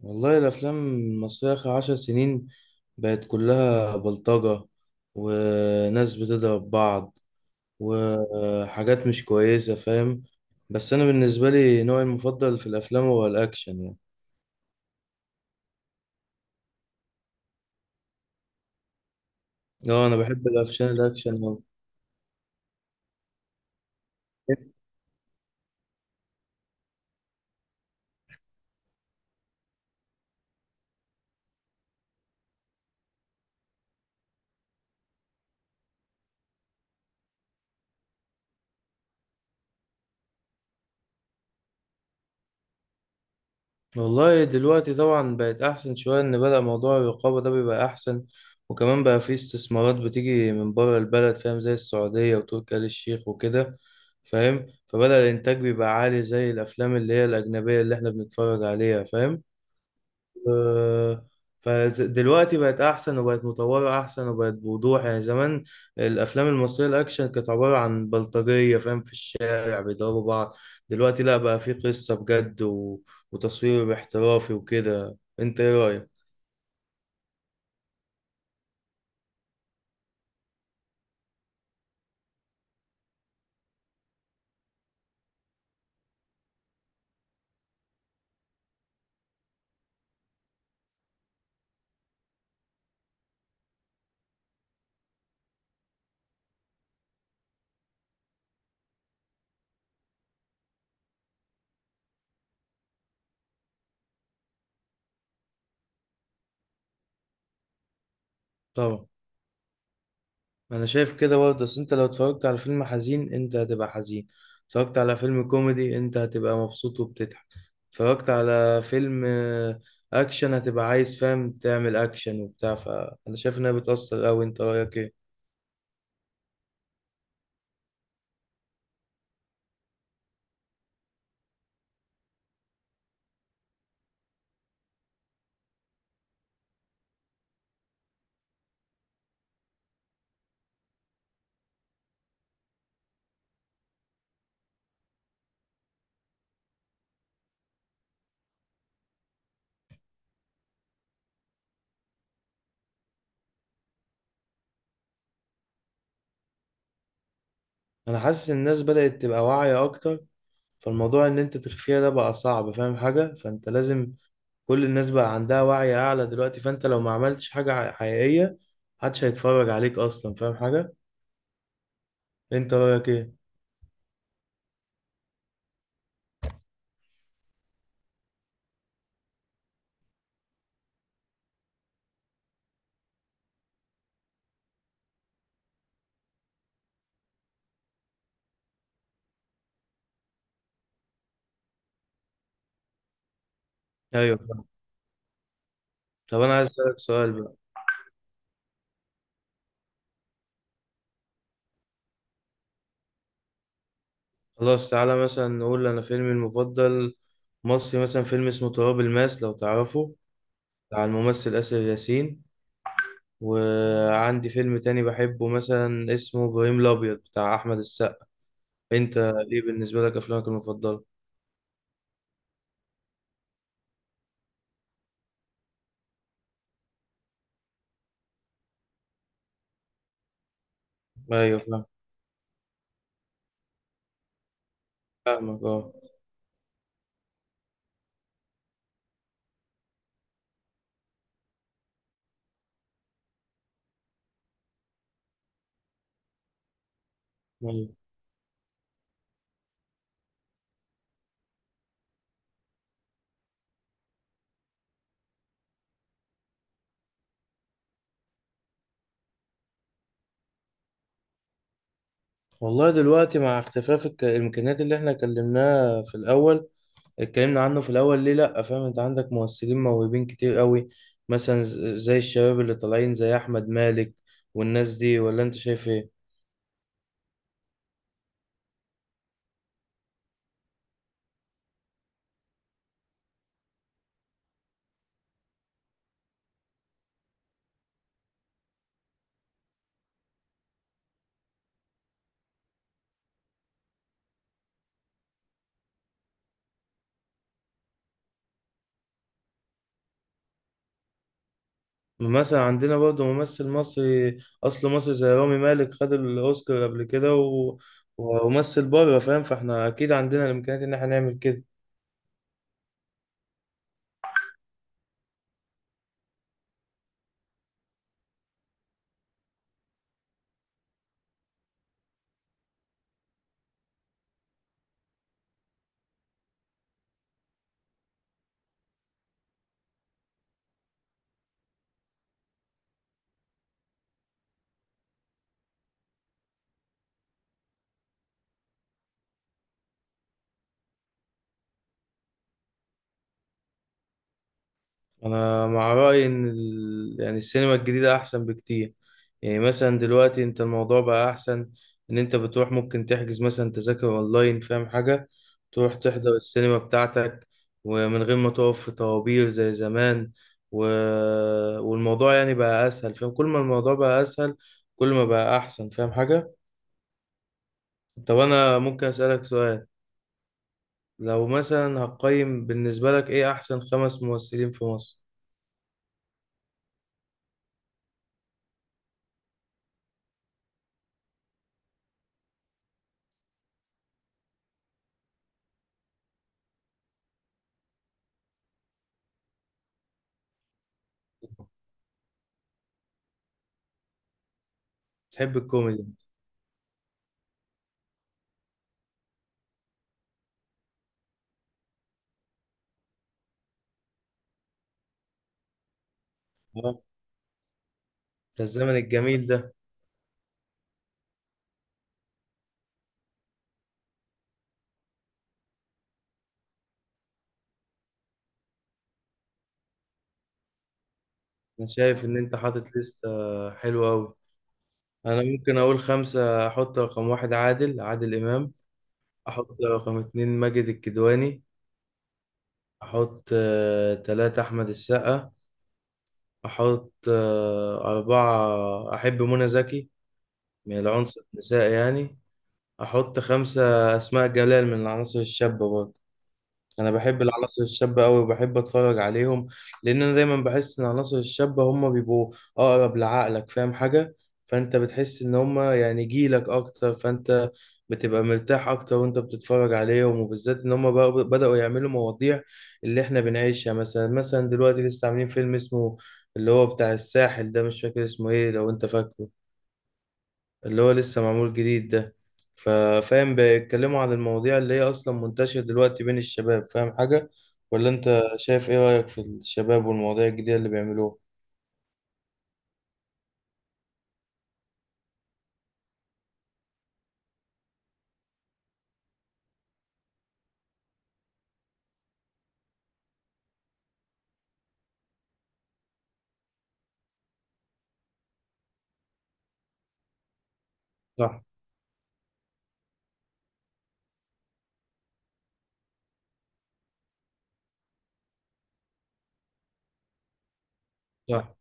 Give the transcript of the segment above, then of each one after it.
والله الأفلام المصرية آخر 10 سنين بقت كلها بلطجة، وناس بتضرب بعض، وحاجات مش كويسة. فاهم؟ بس أنا بالنسبة لي نوعي المفضل في الأفلام هو الأكشن، يعني اه أنا بحب الأفلام الأكشن أوي. والله دلوقتي طبعا بقت أحسن شوية، إن بدأ موضوع الرقابة ده بيبقى أحسن. وكمان بقى فيه استثمارات بتيجي من بره البلد، فاهم؟ زي السعودية وتركي آل الشيخ وكده. فاهم؟ فبدأ الإنتاج بيبقى عالي زي الأفلام اللي هي الأجنبية اللي إحنا بنتفرج عليها. فاهم؟ آه، فدلوقتي بقت احسن، وبقت مطوره احسن، وبقت بوضوح. يعني زمان الافلام المصريه الاكشن كانت عباره عن بلطجيه، فاهم؟ في الشارع بيضربوا بعض. دلوقتي لا، بقى في قصه بجد وتصوير احترافي وكده. انت ايه رايك؟ طبعا، ما انا شايف كده برضه. بس انت لو اتفرجت على فيلم حزين انت هتبقى حزين، اتفرجت على فيلم كوميدي انت هتبقى مبسوط وبتضحك، اتفرجت على فيلم اكشن هتبقى عايز، فاهم؟ تعمل اكشن وبتاع. فانا شايف انها بتأثر اوي. انت رايك ايه؟ انا حاسس ان الناس بدأت تبقى واعية اكتر. فالموضوع ان انت تخفيها ده بقى صعب، فاهم حاجة؟ فانت لازم، كل الناس بقى عندها وعي اعلى دلوقتي، فانت لو ما عملتش حاجة حقيقية محدش هيتفرج عليك اصلا، فاهم حاجة؟ انت رايك ايه؟ ايوه. طب انا عايز اسالك سؤال بقى. خلاص، تعالى مثلا نقول انا فيلمي المفضل مصري، مثلا فيلم اسمه تراب الماس، لو تعرفه، بتاع الممثل آسر ياسين. وعندي فيلم تاني بحبه مثلا اسمه ابراهيم الابيض بتاع احمد السقا. انت ايه بالنسبه لك افلامك المفضله؟ ايوه، فاهم. فاهمك، اه. أيوة. والله دلوقتي مع اختفاء الامكانيات اللي احنا كلمناها في الاول، اتكلمنا عنه في الاول، ليه لا، فاهم؟ انت عندك ممثلين موهوبين كتير قوي، مثلا زي الشباب اللي طالعين زي احمد مالك والناس دي. ولا انت شايف ايه؟ مثلا عندنا برضه ممثل مصري، اصل مصري، زي رامي مالك، خد الاوسكار قبل كده وممثل بره. فاهم؟ فاحنا اكيد عندنا الامكانيات ان احنا نعمل كده. انا مع رايي ان يعني السينما الجديده احسن بكتير. يعني مثلا دلوقتي انت الموضوع بقى احسن. ان انت بتروح ممكن تحجز مثلا تذاكر اونلاين، فاهم حاجه؟ تروح تحضر السينما بتاعتك، ومن غير ما تقف في طوابير زي زمان و... والموضوع يعني بقى اسهل. فاهم؟ كل ما الموضوع بقى اسهل، كل ما بقى احسن. فاهم حاجه؟ طب انا ممكن اسالك سؤال؟ لو مثلا هقيم بالنسبه لك ايه احسن 5 ممثلين في مصر؟ تحب الكوميدي. ده الزمن الجميل ده. انا شايف ان انت حاطط لستة حلوة قوي. انا ممكن اقول 5. احط رقم 1 عادل امام، احط رقم 2 ماجد الكدواني، احط 3 احمد السقا، احط 4 احب منى زكي من العنصر النسائي يعني، احط 5 اسماء جلال من العناصر الشابة برضه. انا بحب العناصر الشابه قوي وبحب اتفرج عليهم. لان انا دايما بحس ان العناصر الشابه هم بيبقوا اقرب لعقلك، فاهم حاجه؟ فانت بتحس ان هم يعني جيلك اكتر، فانت بتبقى مرتاح اكتر وانت بتتفرج عليهم، وبالذات ان هم بداوا يعملوا مواضيع اللي احنا بنعيشها. مثلا دلوقتي لسه عاملين فيلم اسمه اللي هو بتاع الساحل ده، مش فاكر اسمه ايه، لو انت فاكره. اللي هو لسه معمول جديد ده. ففاهم بيتكلموا عن المواضيع اللي هي أصلا منتشرة دلوقتي بين الشباب، فاهم حاجة؟ ولا أنت شايف إيه رأيك في الشباب والمواضيع الجديدة اللي بيعملوها؟ صح. صح.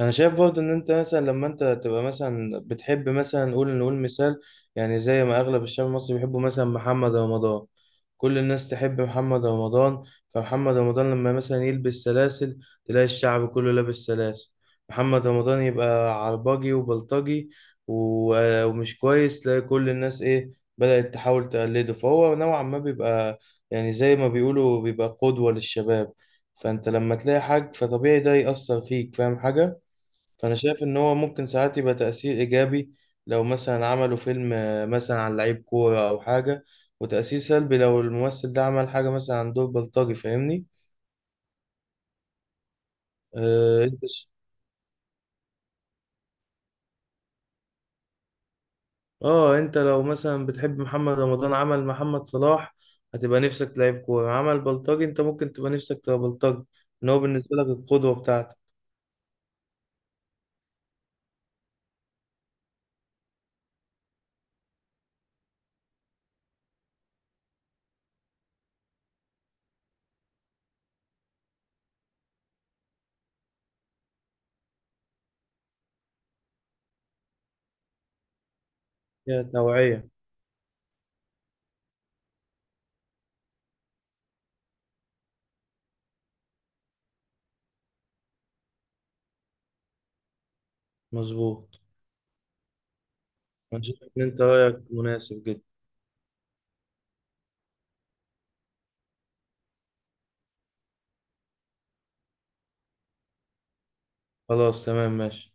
انا شايف برضه ان انت مثلا لما انت تبقى مثلا بتحب مثلا نقول مثال. يعني زي ما اغلب الشعب المصري بيحبوا مثلا محمد رمضان، كل الناس تحب محمد رمضان. فمحمد رمضان لما مثلا يلبس سلاسل تلاقي الشعب كله لابس سلاسل. محمد رمضان يبقى عرباجي وبلطجي ومش كويس، تلاقي كل الناس ايه، بدأت تحاول تقلده. فهو نوعا ما بيبقى يعني زي ما بيقولوا بيبقى قدوة للشباب. فانت لما تلاقي حاج فطبيعي ده يأثر فيك، فاهم حاجة؟ فانا شايف ان هو ممكن ساعات يبقى تأثير ايجابي لو مثلا عملوا فيلم مثلا عن لعيب كورة او حاجة، وتأثير سلبي لو الممثل ده عمل حاجة مثلا عن دور بلطجي، فاهمني؟ اه اه انت لو مثلا بتحب محمد رمضان عمل محمد صلاح هتبقى نفسك تلعب كورة، عمل بلطجي انت ممكن تبقى نفسك تبقى بلطجي. ان هو بالنسبة لك القدوة بتاعتك. هي توعية. مظبوط. انا شايف ان انت رأيك مناسب جدا. خلاص تمام ماشي.